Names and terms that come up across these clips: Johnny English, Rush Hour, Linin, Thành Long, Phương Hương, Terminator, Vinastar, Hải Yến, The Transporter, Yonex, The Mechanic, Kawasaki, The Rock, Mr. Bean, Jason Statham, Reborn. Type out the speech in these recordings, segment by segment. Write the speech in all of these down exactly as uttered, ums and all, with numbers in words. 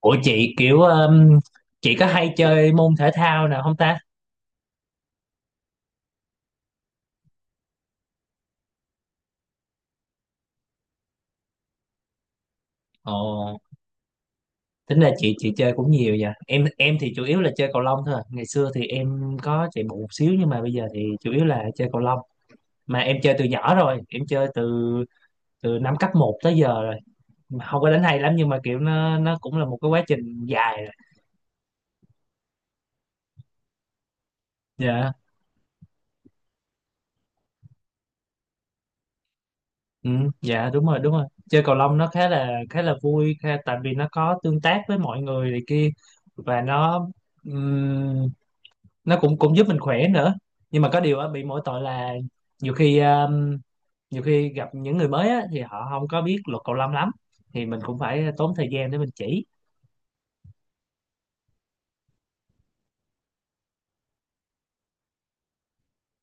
Ủa chị kiểu um, chị có hay chơi môn thể thao nào không ta? Ồ, tính là chị chị chơi cũng nhiều vậy. Em em thì chủ yếu là chơi cầu lông thôi. À. Ngày xưa thì em có chạy bộ một xíu nhưng mà bây giờ thì chủ yếu là chơi cầu lông. Mà em chơi từ nhỏ rồi, em chơi từ từ năm cấp một tới giờ rồi. Mà không có đánh hay lắm, nhưng mà kiểu nó nó cũng là một cái quá trình dài rồi. Dạ. Ừ, dạ đúng rồi, đúng rồi. Chơi cầu lông nó khá là khá là vui khá, tại vì nó có tương tác với mọi người này kia, và nó nó cũng cũng giúp mình khỏe nữa, nhưng mà có điều á bị mỗi tội là nhiều khi um, nhiều khi gặp những người mới á, thì họ không có biết luật cầu lông lắm, thì mình cũng phải tốn thời gian để mình chỉ.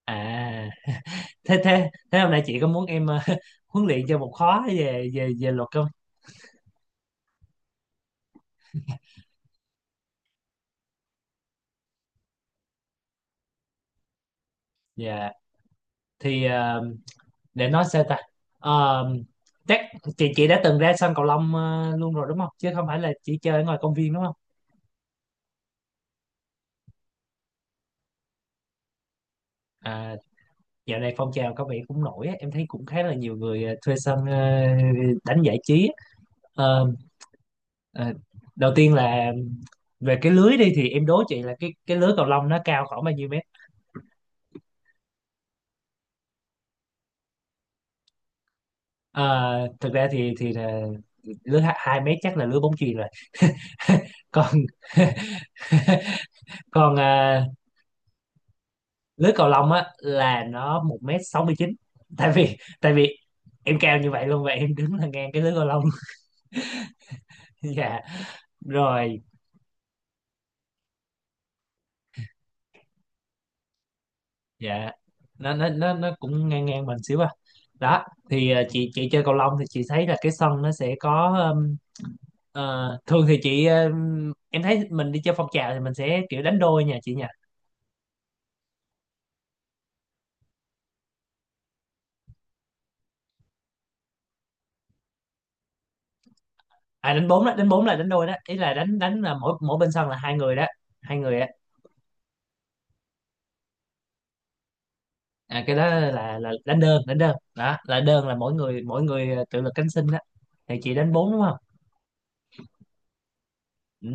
À, thế thế thế hôm nay chị có muốn em uh, huấn luyện cho một khóa về về về luật không? Dạ. Thì um, để nói sao ta. Um, Chắc chị chị đã từng ra sân cầu lông uh, luôn rồi đúng không, chứ không phải là chỉ chơi ở ngoài công viên đúng không? À. Dạo này phong trào có vẻ cũng nổi á, em thấy cũng khá là nhiều người ờ, thuê sân, ờ, đánh giải trí á. Ờ, ờ, Đầu tiên là về cái lưới đi, thì em đố chị là cái cái lưới cầu lông nó cao khoảng bao nhiêu mét? Ờ, Thực ra thì thì là lưới hai hai mét chắc là lưới bóng chuyền rồi. Còn còn à, lưới cầu lông á là nó một mét sáu mươi chín. Tại vì tại vì em cao như vậy luôn, và em đứng là ngang cái lưới cầu lông. Dạ. Rồi. Dạ, nó nó nó nó cũng ngang ngang mình xíu à. Đó. Thì ờ, chị chị chơi cầu lông thì chị thấy là cái sân nó sẽ có, ừm, ờ, thường thì chị, ừm, em thấy mình đi chơi phong trào thì mình sẽ kiểu đánh đôi nha chị nha. À, đánh bốn đó. Đánh bốn là đánh đôi đó, ý là đánh đánh là mỗi mỗi bên sân là hai người đó, hai người á. À, cái đó là là đánh đơn đánh đơn đó. Là đơn là mỗi người mỗi người à, tự lực cánh sinh đó. Thì chị đánh bốn đúng không? Ừ.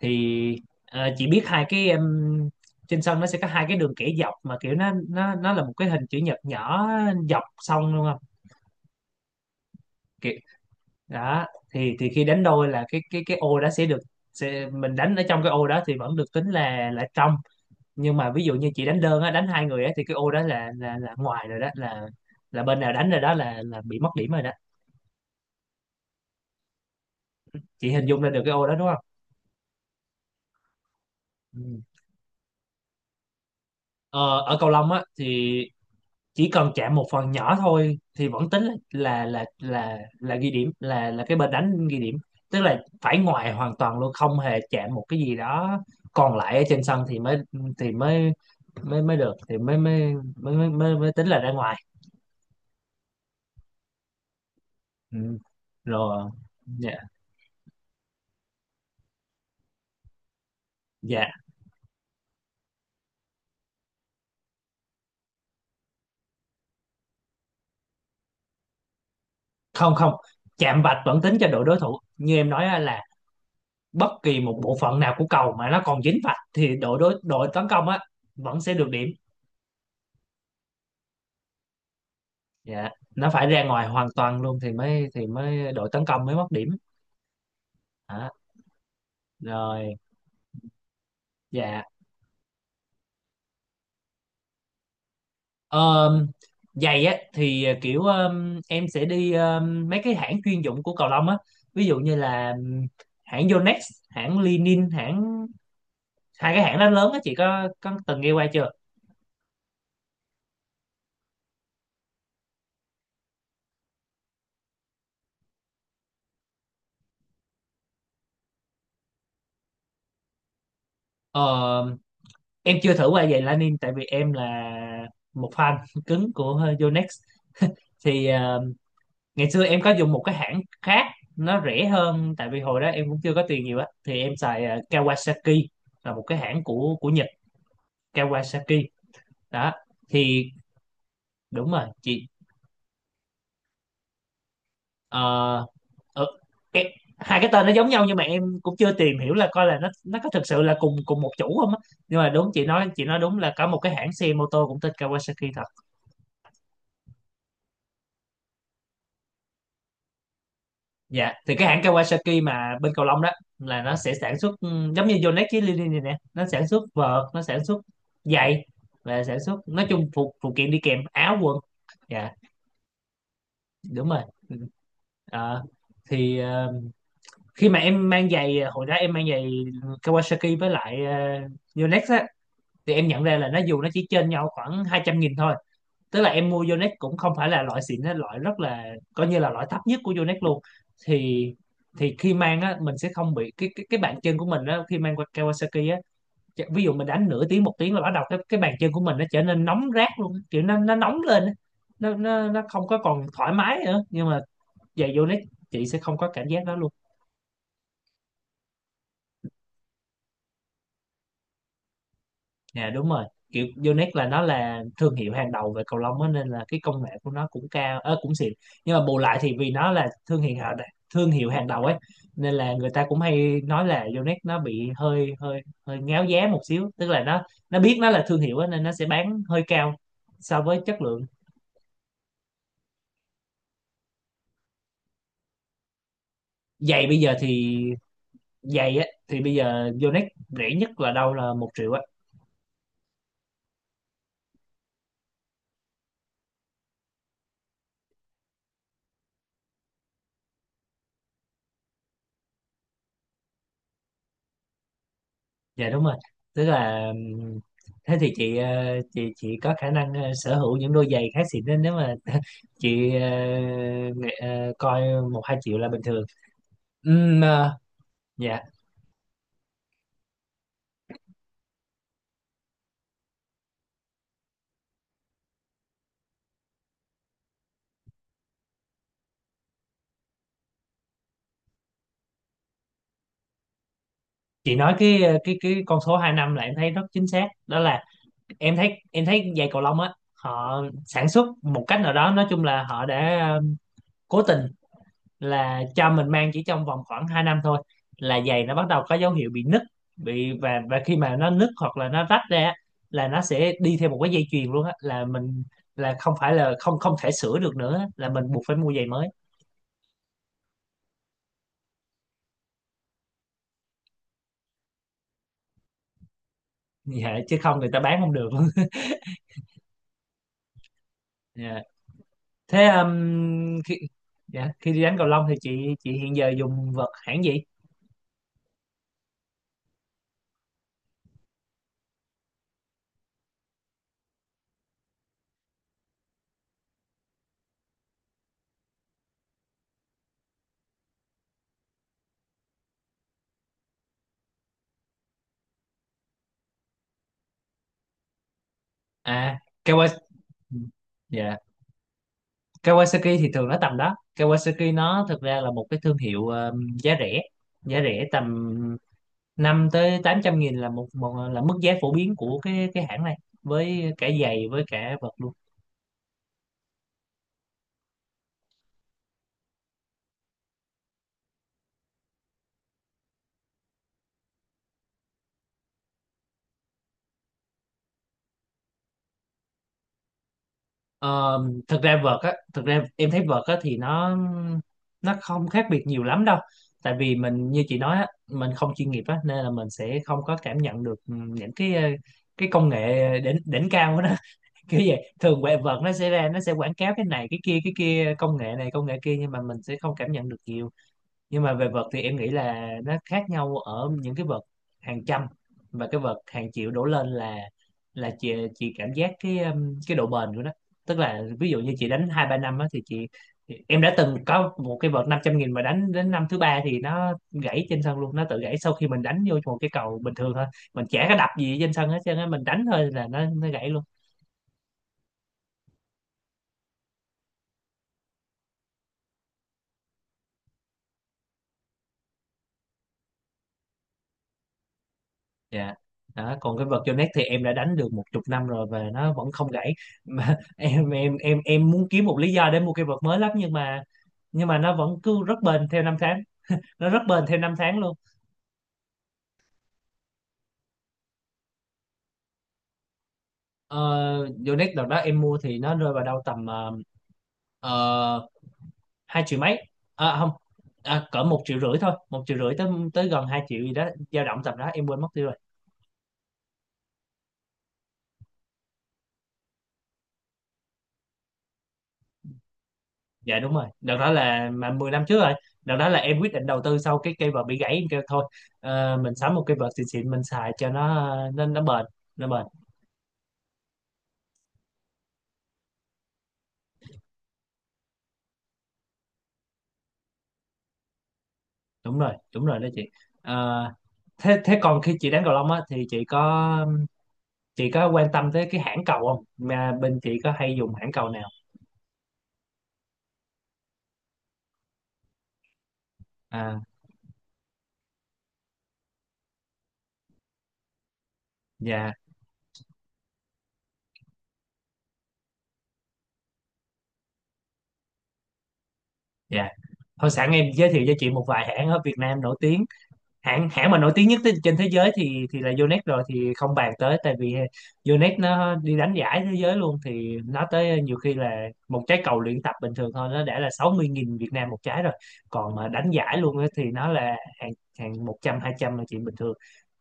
Thì ờ, chị biết hai cái, um, trên sân nó sẽ có hai cái đường kẻ dọc, mà kiểu nó nó nó là một cái hình chữ nhật nhỏ dọc sông luôn không? Kiểu đó. Thì thì khi đánh đôi là cái cái cái ô đó sẽ được, sẽ, mình đánh ở trong cái ô đó thì vẫn được tính là là trong. Nhưng mà ví dụ như chị đánh đơn á, đánh hai người á, thì cái ô đó là là là ngoài rồi. Đó là là bên nào đánh rồi, đó là là bị mất điểm rồi đó. Chị hình dung ra được cái ô đó đúng không? Ừ. ờ, Ở cầu lông á thì chỉ cần chạm một phần nhỏ thôi thì vẫn tính là là là là, là ghi điểm, là là cái bên đánh ghi điểm. Tức là phải ngoài hoàn toàn luôn, không hề chạm một cái gì đó còn lại ở trên sân, thì mới thì mới mới mới được, thì mới mới mới mới, mới, mới tính là ra ngoài. Ừ. Rồi. Dạ. Dạ. Không, không, chạm vạch vẫn tính cho đội đối thủ, như em nói á, là bất kỳ một bộ phận nào của cầu mà nó còn dính vạch thì đội đối đội tấn công á vẫn sẽ được điểm. Dạ, nó phải ra ngoài hoàn toàn luôn thì mới thì mới đội tấn công mới mất điểm, hả? Rồi. Dạ. um, Giày á thì, ờ, kiểu um, em sẽ đi um, mấy cái hãng chuyên dụng của cầu lông á. Ví dụ như là um, hãng Yonex, hãng Linin, hãng hai cái hãng đó lớn á, chị có có từng nghe qua chưa? Ờ, em chưa thử qua giày Lanin, tại vì em là một fan cứng của Yonex. Thì ờ, ngày xưa em có dùng một cái hãng khác, nó rẻ hơn, tại vì hồi đó em cũng chưa có tiền nhiều á, thì em xài ờ, Kawasaki, là một cái hãng của của Nhật. Kawasaki đó. Thì đúng rồi chị. ờ, ờ, em, hai cái tên nó giống nhau, nhưng mà em cũng chưa tìm hiểu là coi là nó nó có thực sự là cùng cùng một chủ không á. Nhưng mà đúng, chị nói chị nói đúng là có một cái hãng xe mô tô cũng tên Kawasaki thôi. Dạ, thì cái hãng Kawasaki mà bên cầu lông đó là nó sẽ sản xuất, ừ, giống như Yonex với Lily này nè, nó sản xuất vợt, nó sản xuất giày, và sản xuất nói chung phụ phụ kiện đi kèm áo quần. Dạ, đúng rồi. Ừ. Ờ, thì ờ, khi mà em mang giày, hồi đó em mang giày Kawasaki với lại uh, Yonex á, thì em nhận ra là, nó dù nó chỉ trên nhau khoảng hai trăm nghìn thôi, tức là em mua Yonex cũng không phải là loại xịn á, loại rất là, coi như là loại thấp nhất của Yonex luôn, thì thì khi mang á mình sẽ không bị cái cái, cái bàn chân của mình á. Khi mang qua Kawasaki á, ch- ví dụ mình đánh nửa tiếng một tiếng là bắt đầu cái cái bàn chân của mình nó trở nên nóng rát luôn á, kiểu nó nó nóng lên á. nó nó nó không có còn thoải mái nữa, nhưng mà giày Yonex chị sẽ không có cảm giác đó luôn. Dạ đúng rồi. Kiểu Yonex là nó là thương hiệu hàng đầu về cầu lông á, nên là cái công nghệ của nó cũng cao, ờ, cũng xịn. Nhưng mà bù lại, thì vì nó là thương hiệu hàng thương hiệu hàng đầu ấy, nên là người ta cũng hay nói là Yonex nó bị hơi hơi hơi ngáo giá một xíu, tức là nó nó biết nó là thương hiệu á nên nó sẽ bán hơi cao so với chất lượng. Giày bây giờ thì Giày á thì bây giờ Yonex rẻ nhất là đâu là một triệu á. Dạ đúng rồi. Tức là ừm, thế thì chị, ờ, chị chị có khả năng ờ, sở hữu những đôi giày khá xịn, nên nếu mà chị ờ, nghệ- ờ, coi một hai triệu là bình thường. Ừm, ờ, dạ, chị nói cái ờ, cái cái con số hai năm là em thấy rất chính xác. Đó là em thấy em thấy giày cầu lông á họ sản xuất một cách nào đó, nói chung là họ đã ờ, cố tình là cho mình mang chỉ trong vòng khoảng hai năm thôi, là giày nó bắt đầu có dấu hiệu bị nứt, bị và và khi mà nó nứt hoặc là nó rách ra á, là nó sẽ đi theo một cái dây chuyền luôn á, là mình, là không phải là không không thể sửa được nữa á, là mình buộc phải mua giày mới. Dạ, chứ không người ta bán không được. Dạ. Thế um, khi, dạ, khi đi đánh cầu lông thì chị chị hiện giờ dùng vợt hãng gì? À, Kawasaki. Dạ, Kawasaki thì thường nó tầm đó. Kawasaki nó thực ra là một cái thương hiệu ờ, giá rẻ, giá rẻ tầm năm tới tám trăm nghìn là một, một là mức giá phổ biến của cái cái hãng này, với cả giày với cả vợt luôn. Ờ, thực ra vợt á, thực ra em thấy vợt á thì nó nó không khác biệt nhiều lắm đâu, tại vì mình như chị nói á, mình không chuyên nghiệp á nên là mình sẽ không có cảm nhận được những cái cái công nghệ đỉnh đỉnh cao đó, kiểu vậy. Thường quẹ vợt nó sẽ ra, nó sẽ quảng cáo cái này cái kia cái kia, công nghệ này công nghệ kia, nhưng mà mình sẽ không cảm nhận được nhiều. Nhưng mà về vợt thì em nghĩ là nó khác nhau ở những cái vợt hàng trăm và cái vợt hàng triệu đổ lên, là là chị chị cảm giác cái um, cái độ bền của nó. Tức là ví dụ như chị đánh hai ba năm á thì chị, em đã từng có một cái vợt năm trăm nghìn mà đánh đến năm thứ ba thì nó gãy trên sân luôn, nó tự gãy sau khi mình đánh vô một cái cầu bình thường thôi, mình chả có đập gì trên sân hết trơn á, mình đánh thôi là nó nó gãy luôn. Dạ. Đó, còn cái vật Yonex thì em đã đánh được một chục năm rồi và nó vẫn không gãy, mà em em em em muốn kiếm một lý do để mua cây vật mới lắm, nhưng mà, nhưng mà nó vẫn cứ rất bền theo năm tháng, nó rất bền theo năm tháng luôn. Ờ, Yonex đợt đó em mua thì nó rơi vào đâu tầm, uh, hai triệu mấy, à không, à cỡ một triệu rưỡi thôi, một triệu rưỡi tới tới gần hai triệu gì đó, dao động tầm đó em quên mất tiêu rồi. Dạ đúng rồi, đợt đó là mà mười năm trước rồi. Đợt đó là em quyết định đầu tư sau cái cây vợt bị gãy, em kêu thôi ờ, mình sắm một cây vợt xịn xịn mình xài cho nó nó nó bền, nó bền. Đúng rồi đúng rồi đó chị. Ờ, thế thế còn khi chị đánh cầu lông á thì chị có, chị có quan tâm tới cái hãng cầu không, mà bên chị có hay dùng hãng cầu nào? À, dạ. Dạ thôi, sẵn em giới thiệu cho chị một vài hãng ở Việt Nam nổi tiếng. Hãng hãng mà nổi tiếng nhất trên thế giới thì thì là Yonex rồi thì không bàn tới, tại vì Yonex nó đi đánh giải thế giới luôn, thì nó tới nhiều khi là một trái cầu luyện tập bình thường thôi nó đã là sáu mươi nghìn Việt Nam một trái rồi, còn mà đánh giải luôn á thì nó là hàng, hàng một trăm hai trăm là chuyện bình thường.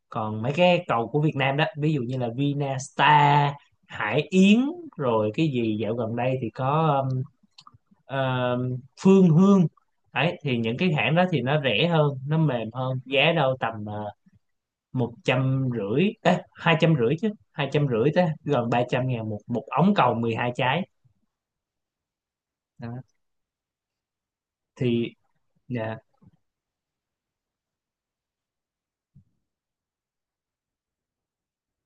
Còn mấy cái cầu của Việt Nam đó, ví dụ như là Vinastar, Hải Yến, rồi cái gì dạo gần đây thì có um, um, Phương Hương. Đấy, thì những cái hãng đó thì nó rẻ hơn, nó mềm hơn, giá đâu tầm uh, một trăm rưỡi, hai trăm rưỡi, chứ hai trăm rưỡi tới gần ba trăm ngàn một một ống cầu mười hai trái. Đó. Thì dạ.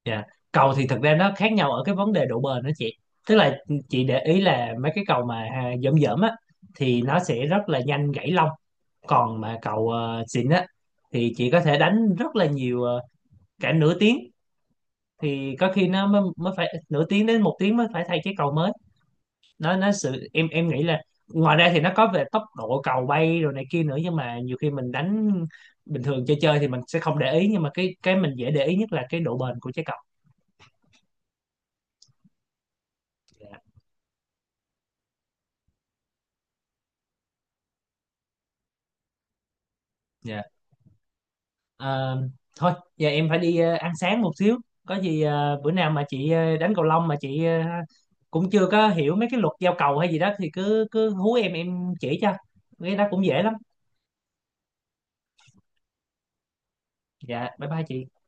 Dạ cầu thì thực ra nó khác nhau ở cái vấn đề độ bền đó chị. Tức là chị để ý là mấy cái cầu mà à, dởm dởm á thì nó sẽ rất là nhanh gãy lông, còn mà cầu ờ, xịn á thì chị có thể đánh rất là nhiều, ờ, cả nửa tiếng, thì có khi nó mới, mới phải nửa tiếng đến một tiếng mới phải thay cái cầu mới. Nó nó sự em em nghĩ là ngoài ra thì nó có về tốc độ cầu bay rồi này kia nữa, nhưng mà nhiều khi mình đánh bình thường chơi chơi thì mình sẽ không để ý, nhưng mà cái cái mình dễ để ý nhất là cái độ bền của trái cầu. Dạ. Dạ. Ờ, thôi giờ em phải đi ờ, ăn sáng một xíu. Có gì ờ, bữa nào mà chị ờ, đánh cầu lông mà chị ờ, cũng chưa có hiểu mấy cái luật giao cầu hay gì đó thì cứ cứ hú em em chỉ cho, cái đó cũng dễ lắm. Dạ bye bye chị.